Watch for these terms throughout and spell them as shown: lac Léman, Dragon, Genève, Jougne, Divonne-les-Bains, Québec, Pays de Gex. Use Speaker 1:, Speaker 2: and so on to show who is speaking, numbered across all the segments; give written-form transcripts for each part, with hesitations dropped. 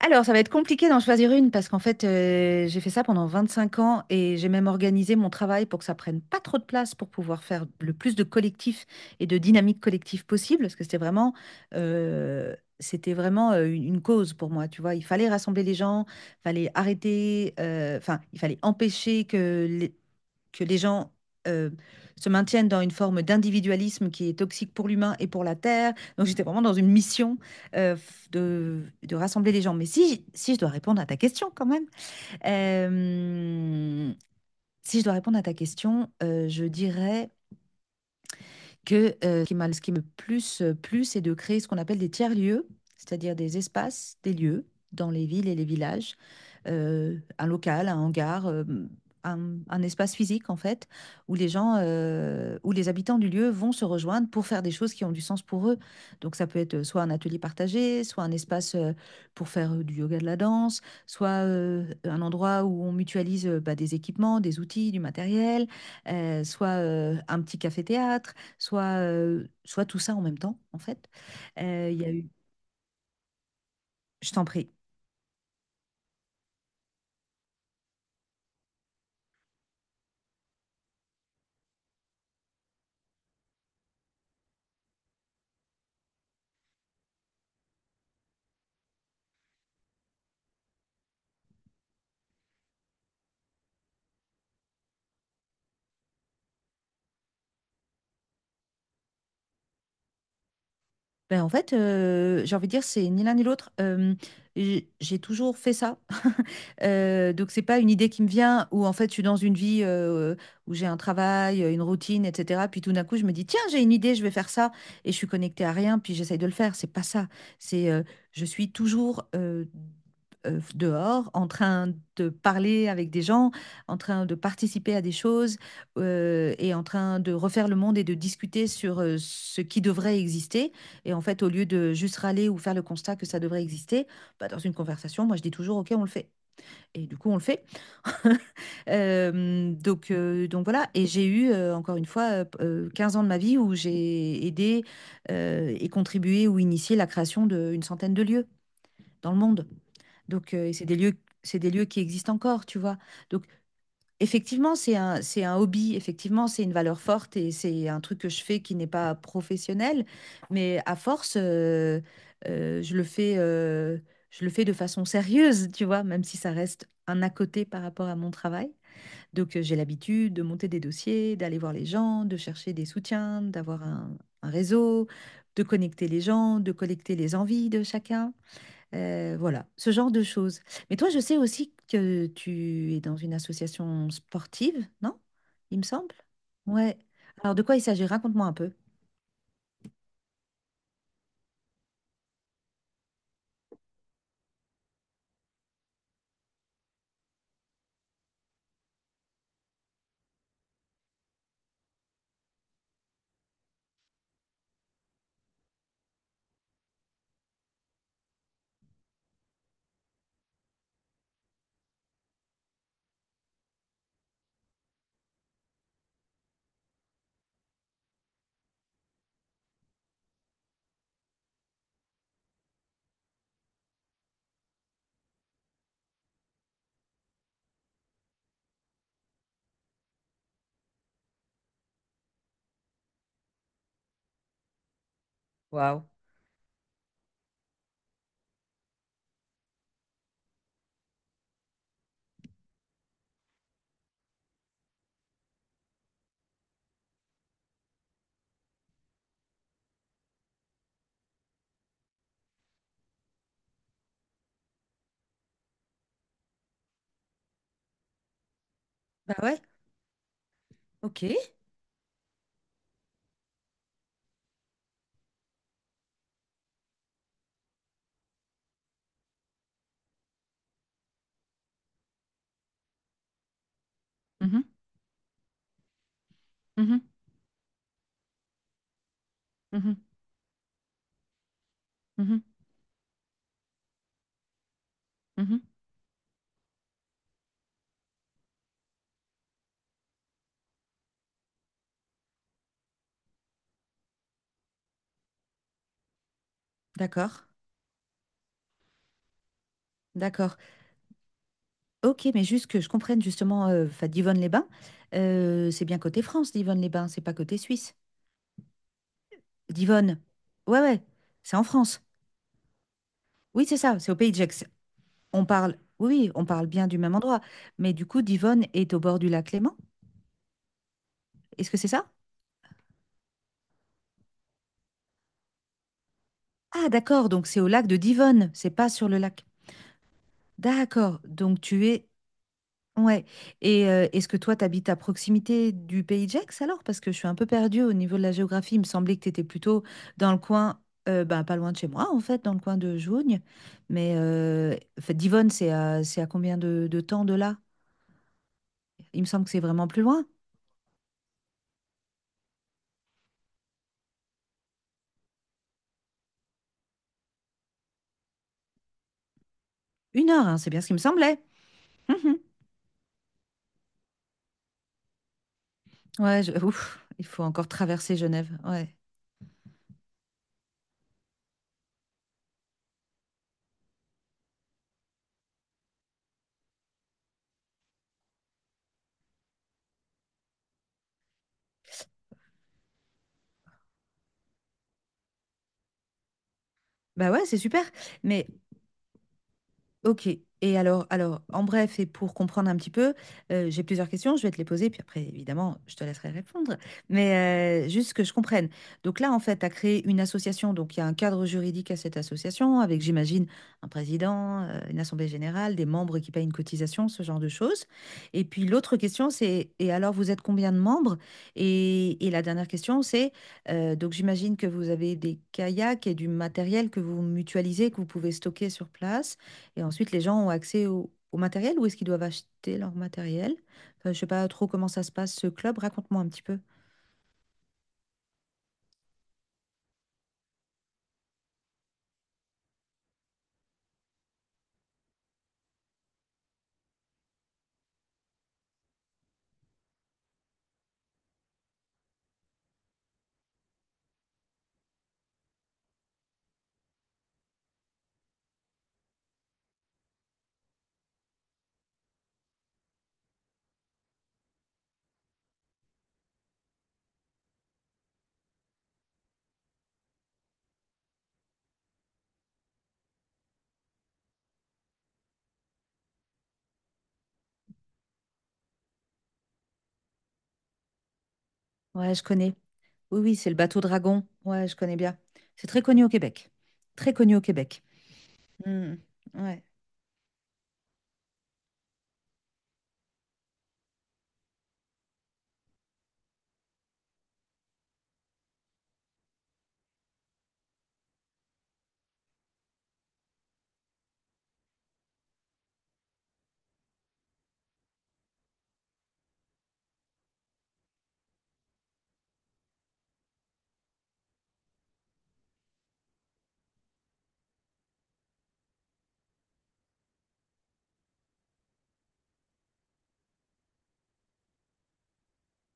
Speaker 1: Alors, ça va être compliqué d'en choisir une parce qu'en fait, j'ai fait ça pendant 25 ans et j'ai même organisé mon travail pour que ça prenne pas trop de place pour pouvoir faire le plus de collectifs et de dynamique collective possible parce que c'était vraiment une cause pour moi, tu vois. Il fallait rassembler les gens, fallait arrêter, enfin, il fallait empêcher que que les gens euh, se maintiennent dans une forme d'individualisme qui est toxique pour l'humain et pour la Terre. Donc j'étais vraiment dans une mission euh, de rassembler les gens. Mais si je dois répondre à ta question quand même, euh, si je dois répondre à ta question, je dirais que ce qui m'a- ce qui me plus plu, c'est de créer ce qu'on appelle des tiers-lieux, c'est-à-dire des espaces, des lieux dans les villes et les villages, un local, un hangar, un, un espace physique en fait, où où les habitants du lieu vont se rejoindre pour faire des choses qui ont du sens pour eux. Donc ça peut être soit un atelier partagé, soit un espace pour faire du yoga, de la danse, soit un endroit où on mutualise bah, des équipements, des outils, du matériel, soit un petit café-théâtre soit, soit tout ça en même temps, en fait. Il y a eu, je t'en prie. Ben, en fait, j'ai envie de dire, c'est ni l'un ni l'autre. J'ai toujours fait ça. Donc, c'est pas une idée qui me vient où, en fait, je suis dans une vie où j'ai un travail, une routine, etc. Puis tout d'un coup, je me dis, tiens, j'ai une idée, je vais faire ça. Et je suis connectée à rien, puis j'essaye de le faire. C'est pas ça. C'est, euh, je suis toujours dehors, en train de parler avec des gens, en train de participer à des choses et en train de refaire le monde et de discuter sur ce qui devrait exister. Et en fait, au lieu de juste râler ou faire le constat que ça devrait exister, bah, dans une conversation, moi, je dis toujours, OK, on le fait. Et du coup, on le fait. Donc voilà. Et j'ai eu, encore une fois, 15 ans de ma vie où j'ai aidé et contribué ou initié la création d'une centaine de lieux dans le monde. Et c'est des lieux qui existent encore, tu vois. Donc, effectivement, c'est un hobby, effectivement, c'est une valeur forte et c'est un truc que je fais qui n'est pas professionnel, mais à force, heu, je le fais, heu, je le fais de façon sérieuse, tu vois? Même si ça reste un à côté par rapport à mon travail. Donc, j'ai l'habitude de monter des dossiers, d'aller voir les gens, de chercher des soutiens, d'avoir un réseau, de connecter les gens, de collecter les envies de chacun. Voilà, ce genre de choses. Mais toi, je sais aussi que tu es dans une association sportive, non? Il me semble. Ouais. Alors, de quoi il s'agit? Raconte-moi un peu. Waouh. Bah ouais, ok. Mhm, mhm, mhm, mhm, mhm. D'accord, d'accord. Ok, mais juste que je comprenne justement, enfin, Divonne-les-Bains, c'est bien côté France, Divonne-les-Bains, c'est pas côté Suisse. Divonne, ouais, ouais, c'est en France. Oui, c'est ça, c'est au Pays de Gex. On parle, oui, oui, on parle bien du même endroit, mais du coup, Divonne est au bord du lac Léman. Est-ce que c'est ça? Ah, d'accord, donc c'est au lac de Divonne, c'est pas sur le lac. D'accord, donc tu es... Ouais. Et est-ce que toi, t'habites à proximité du pays de Gex alors? Parce que je suis un peu perdue au niveau de la géographie. Il me semblait que t'étais plutôt dans le coin, bah, pas loin de chez moi, en fait, dans le coin de Jougne. Mais en fait, Divonne, c'est à combien de temps de là? Il me semble que c'est vraiment plus loin. Une heure, hein, c'est bien ce qui me semblait. Ouais, ouf, il faut encore traverser Genève. Ouais. Bah ouais, c'est super. Mais ok. Et alors, en bref, et pour comprendre un petit peu, j'ai plusieurs questions, je vais te les poser, puis après, évidemment, je te laisserai répondre. Mais juste que je comprenne. Donc là, en fait, tu as créé une association, donc il y a un cadre juridique à cette association, avec, j'imagine, un président, une assemblée générale, des membres qui payent une cotisation, ce genre de choses. Et puis l'autre question, c'est, et alors, vous êtes combien de membres? Et la dernière question, c'est, donc j'imagine que vous avez des kayaks et du matériel que vous mutualisez, que vous pouvez stocker sur place. Et ensuite, les gens ont accès au matériel ou est-ce qu'ils doivent acheter leur matériel? Enfin, je sais pas trop comment ça se passe, ce club. Raconte-moi un petit peu. Ouais, je connais. Oui, oui, c'est le bateau Dragon. Ouais, je connais bien. C'est très connu au Québec. Très connu au Québec. Hmm, ouais.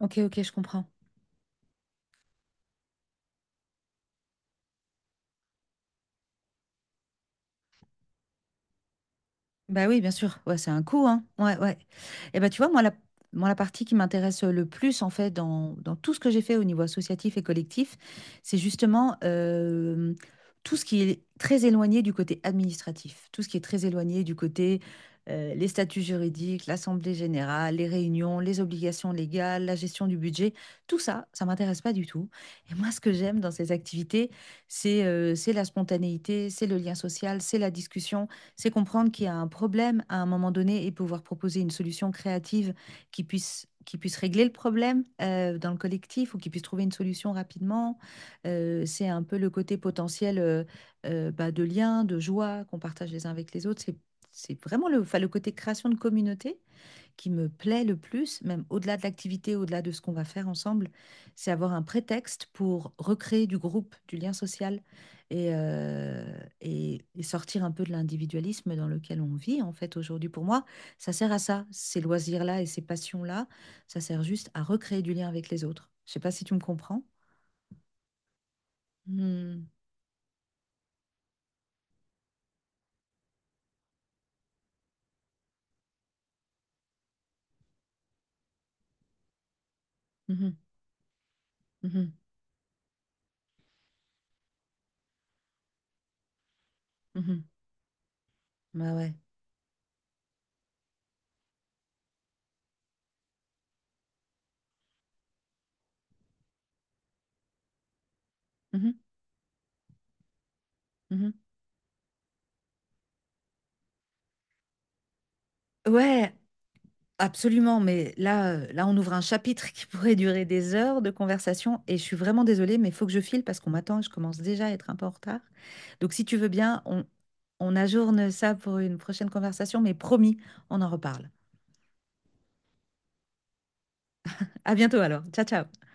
Speaker 1: Ok, ok, je comprends. Bah oui, bien sûr. Ouais, c'est un coût, hein. Ouais, ouais. Et ben tu vois, moi, la partie qui m'intéresse le plus, en fait, dans tout ce que j'ai fait au niveau associatif et collectif, c'est justement tout ce qui est très éloigné du côté administratif, tout ce qui est très éloigné du côté les statuts juridiques, l'assemblée générale, les réunions, les obligations légales, la gestion du budget, tout ça, ça m'intéresse pas du tout. Et moi, ce que j'aime dans ces activités, c'est la spontanéité, c'est le lien social, c'est la discussion c'est comprendre qu'il y a un problème à un moment donné et pouvoir proposer une solution créative qui puisse régler le problème dans le collectif ou qui puisse trouver une solution rapidement. C'est un peu le côté potentiel bah, de lien, de joie qu'on partage les uns avec les autres. C'est vraiment enfin, le côté création de communauté qui me plaît le plus, même au-delà de l'activité, au-delà de ce qu'on va faire ensemble, c'est avoir un prétexte pour recréer du groupe, du lien social et, euh, et, et sortir un peu de l'individualisme dans lequel on vit en fait aujourd'hui. Pour moi, ça sert à ça, ces loisirs-là et ces passions-là, ça sert juste à recréer du lien avec les autres. Je sais pas si tu me comprends. Mhm, mhm, mhm, mhm. Bah ouais. Mhm, mhm. Ouais, absolument, mais là, là, on ouvre un chapitre qui pourrait durer des heures de conversation et je suis vraiment désolée, mais il faut que je file parce qu'on m'attend et je commence déjà à être un peu en retard. Donc si tu veux bien, on ajourne ça pour une prochaine conversation, mais promis, on en reparle. À bientôt alors. Ciao, ciao.